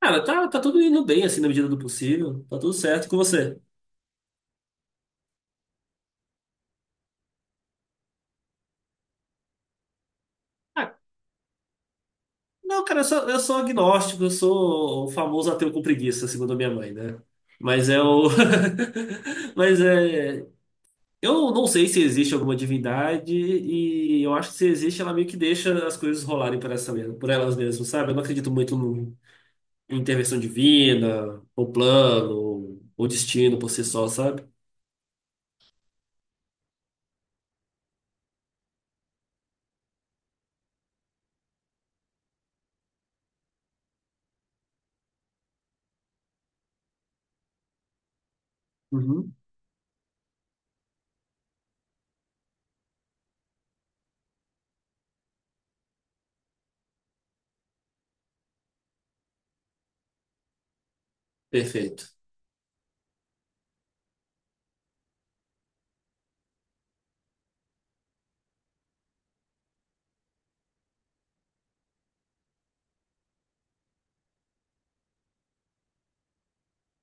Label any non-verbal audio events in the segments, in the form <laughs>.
Cara, tá tudo indo bem, assim, na medida do possível. Tá tudo certo com você. Ah, não, cara, eu sou agnóstico, eu sou o famoso ateu com preguiça, segundo a minha mãe, né? Mas é o. <laughs> Mas é. Eu não sei se existe alguma divindade, e eu acho que se existe, ela meio que deixa as coisas rolarem por elas mesmas, sabe? Eu não acredito muito no- em intervenção divina, ou plano, ou destino por si só, sabe? Uhum. Perfeito.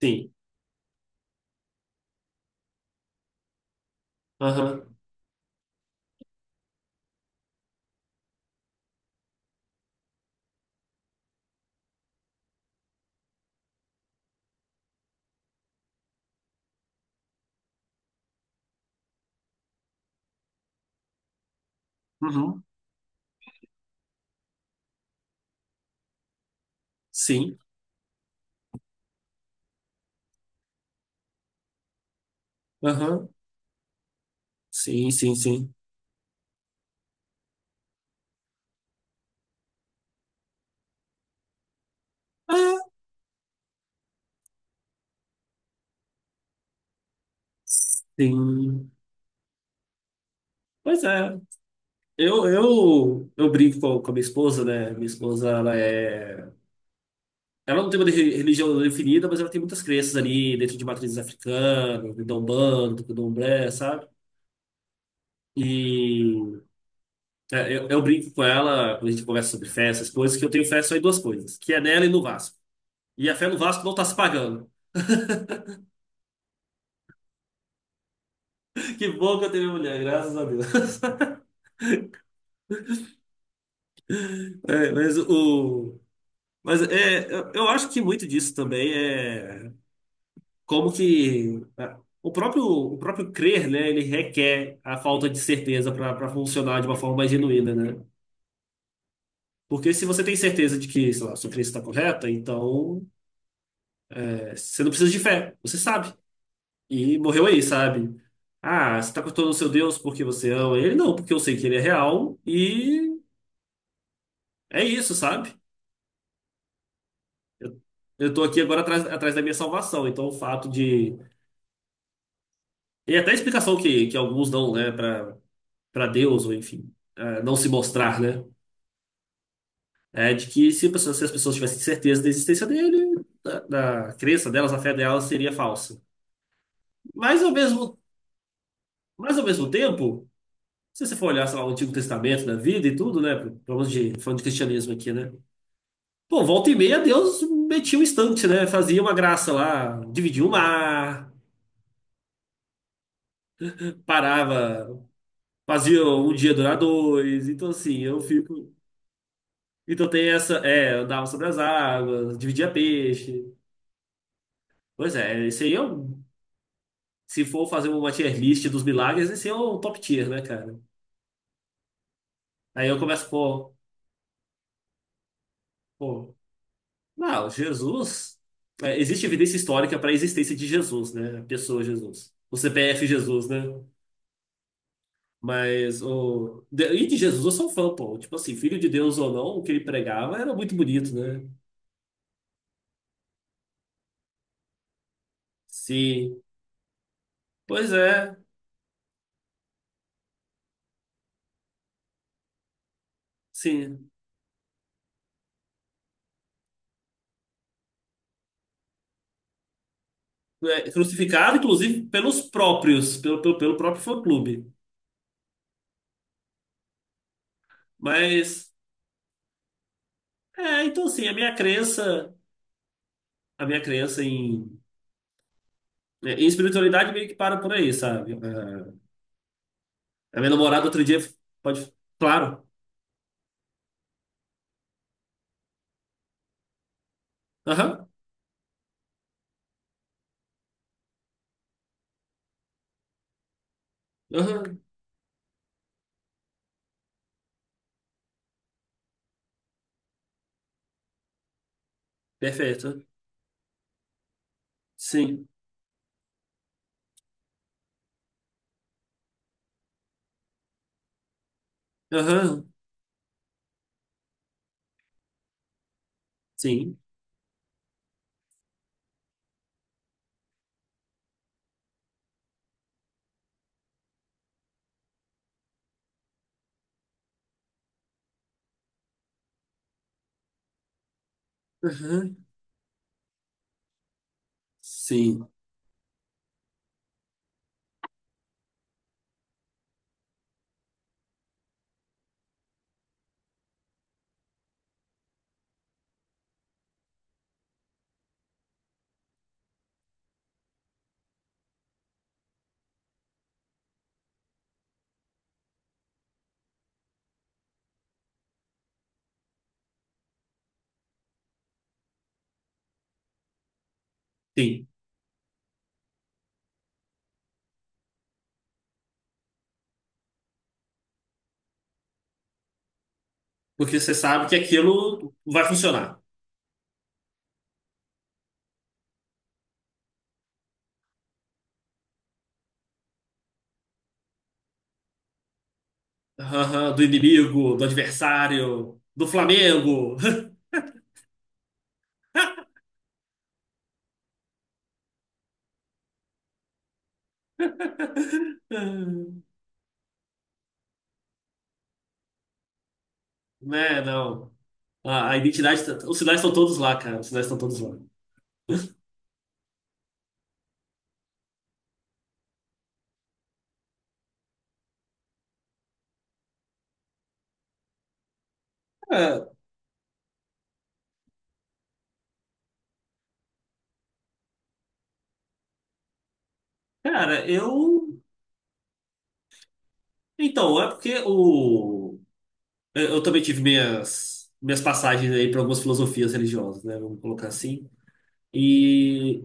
Sim. Aham. Uhum. Sim. Aham. Sim, sim, sim. Ah, sim. Pois é. Eu brinco com a minha esposa, né? Minha esposa, ela é. Ela não tem uma religião definida, mas ela tem muitas crenças ali dentro de matrizes africanas, do Umbanda, do Candomblé, sabe? E eu brinco com ela quando a gente conversa sobre fé, essas coisas, que eu tenho fé só em duas coisas, que é nela e no Vasco. E a fé no Vasco não tá se pagando. <laughs> Que bom que eu tenho minha mulher, graças a Deus. É, mas o. Mas eu acho que muito disso também é. Como que o próprio crer, né, ele requer a falta de certeza para funcionar de uma forma mais genuína, né? Porque se você tem certeza de que, sei lá, sua crença está correta, então você não precisa de fé, você sabe. E morreu aí, sabe? Ah, você está cotando o seu Deus porque você ama ele? Não, porque eu sei que ele é real e é isso, sabe? Eu, eu tô aqui agora atrás da minha salvação, então o fato de. E até a explicação que alguns dão, né, para Deus, ou enfim, não se mostrar, né? É de que se as pessoas tivessem certeza da existência dele, da crença delas, a fé delas seria falsa. Mas ao mesmo, mas ao mesmo tempo, se você for olhar, sei lá, o Antigo Testamento da vida e tudo, né? Vamos de, falando de cristianismo aqui, né? Pô, volta e meia Deus metia um instante, né? Fazia uma graça lá, dividia o mar, parava, fazia um dia durar dois. Então, assim, eu fico. Então tem essa, é, andava sobre as águas, dividia peixe. Pois é, isso aí é um se for fazer uma tier list dos milagres, esse é o top tier, né, cara? Aí eu começo, pô, pô, não, Jesus. É, existe evidência histórica para a existência de Jesus, né? A pessoa Jesus. O CPF Jesus, né? E de Jesus eu sou fã, pô. Tipo assim, filho de Deus ou não, o que ele pregava era muito bonito, né? Sim. Pois é, sim. É, crucificado, inclusive, pelos próprios, pelo próprio fã-clube. Mas. É, então assim, a minha crença. A minha crença em é, e espiritualidade meio que para por aí, sabe? É, a minha namorada outro dia pode. Claro. Aham. Aham. Perfeito. Sim. Aham. Sim. Aham. Sim. Sim. Porque você sabe que aquilo vai funcionar. Aham. Do inimigo, do adversário, do Flamengo. <laughs> Né, não. A identidade. Tá, os sinais estão todos lá, cara. Os sinais estão todos lá. É, cara, eu. Então, é porque o. Eu também tive minhas passagens aí para algumas filosofias religiosas, né? Vamos colocar assim. E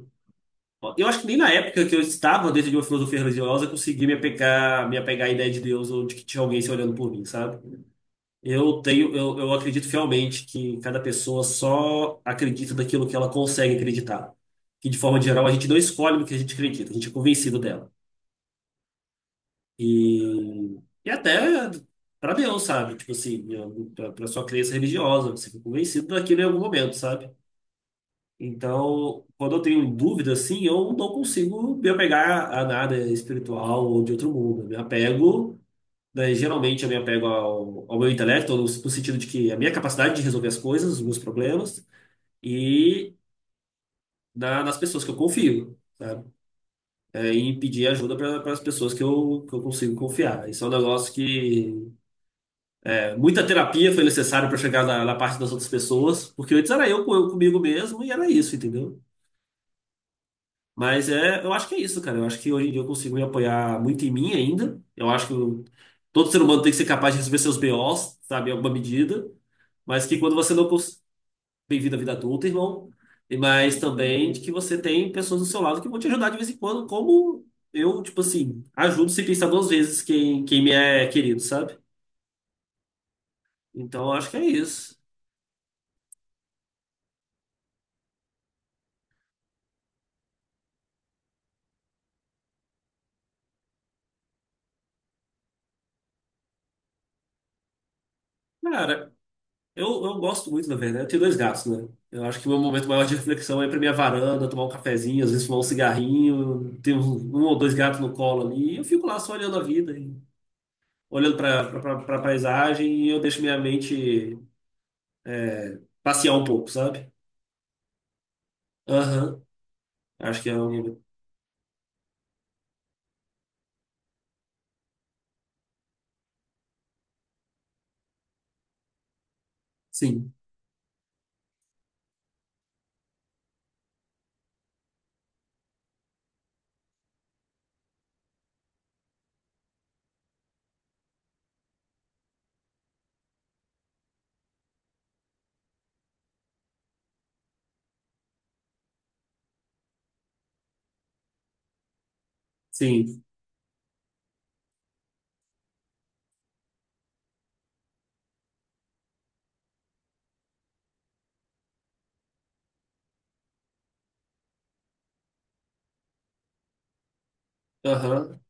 eu acho que nem na época que eu estava dentro de uma filosofia religiosa eu consegui me apegar à ideia de Deus ou de que tinha alguém se olhando por mim, sabe? Eu acredito fielmente que cada pessoa só acredita daquilo que ela consegue acreditar. Que de forma geral a gente não escolhe no que a gente acredita, a gente é convencido dela. E, e até para Deus, sabe? Tipo assim, para sua crença religiosa, você fica convencido daquilo em algum momento, sabe? Então, quando eu tenho dúvida assim, eu não consigo me apegar a nada espiritual ou de outro mundo. Né, geralmente eu me apego ao meu intelecto, no sentido de que a minha capacidade de resolver as coisas, os meus problemas, e nas pessoas que eu confio, sabe? É, e pedir ajuda para as pessoas que eu consigo confiar. Isso é um negócio que muita terapia foi necessária para chegar na parte das outras pessoas, porque antes era eu comigo mesmo e era isso, entendeu? Mas é, eu acho que é isso, cara. Eu acho que hoje em dia eu consigo me apoiar muito em mim ainda. Eu acho que eu- todo ser humano tem que ser capaz de resolver seus BOs, sabe, em alguma medida. Mas que quando você não consegue. Bem-vindo à vida adulta, irmão. Mas também de que você tem pessoas do seu lado que vão te ajudar de vez em quando, como eu, tipo assim, ajudo sem pensar duas vezes quem me é querido, sabe? Então eu acho que é isso. Cara, eu gosto muito, na verdade. Eu tenho dois gatos, né? Eu acho que o meu momento maior de reflexão é ir pra minha varanda, tomar um cafezinho, às vezes fumar um cigarrinho. Tenho um ou dois gatos no colo ali. E eu fico lá só olhando a vida, e olhando pra paisagem e eu deixo minha mente passear um pouco, sabe? Aham. Acho que é um. Sim. Sim. Aham.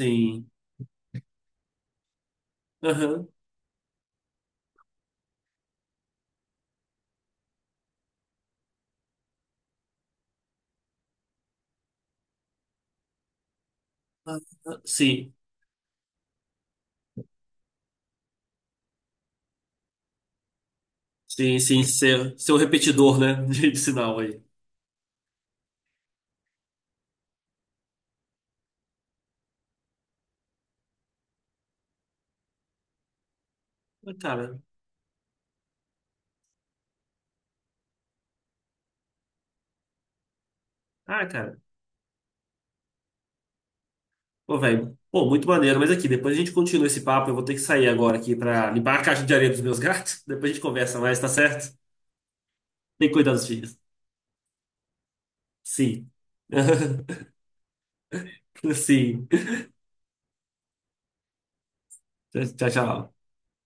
Sim. Aham. Aham. Sim. Sim, sim. Ser um repetidor, né? <laughs> De sinal aí. Mas, cara. Ah, cara. Pô, velho, pô, muito maneiro. Mas aqui, depois a gente continua esse papo. Eu vou ter que sair agora aqui pra limpar a caixa de areia dos meus gatos. <laughs> Depois a gente conversa mais, tá certo? Tem que cuidar dos filhos. Sim. <laughs> Sim. Tchau, tchau.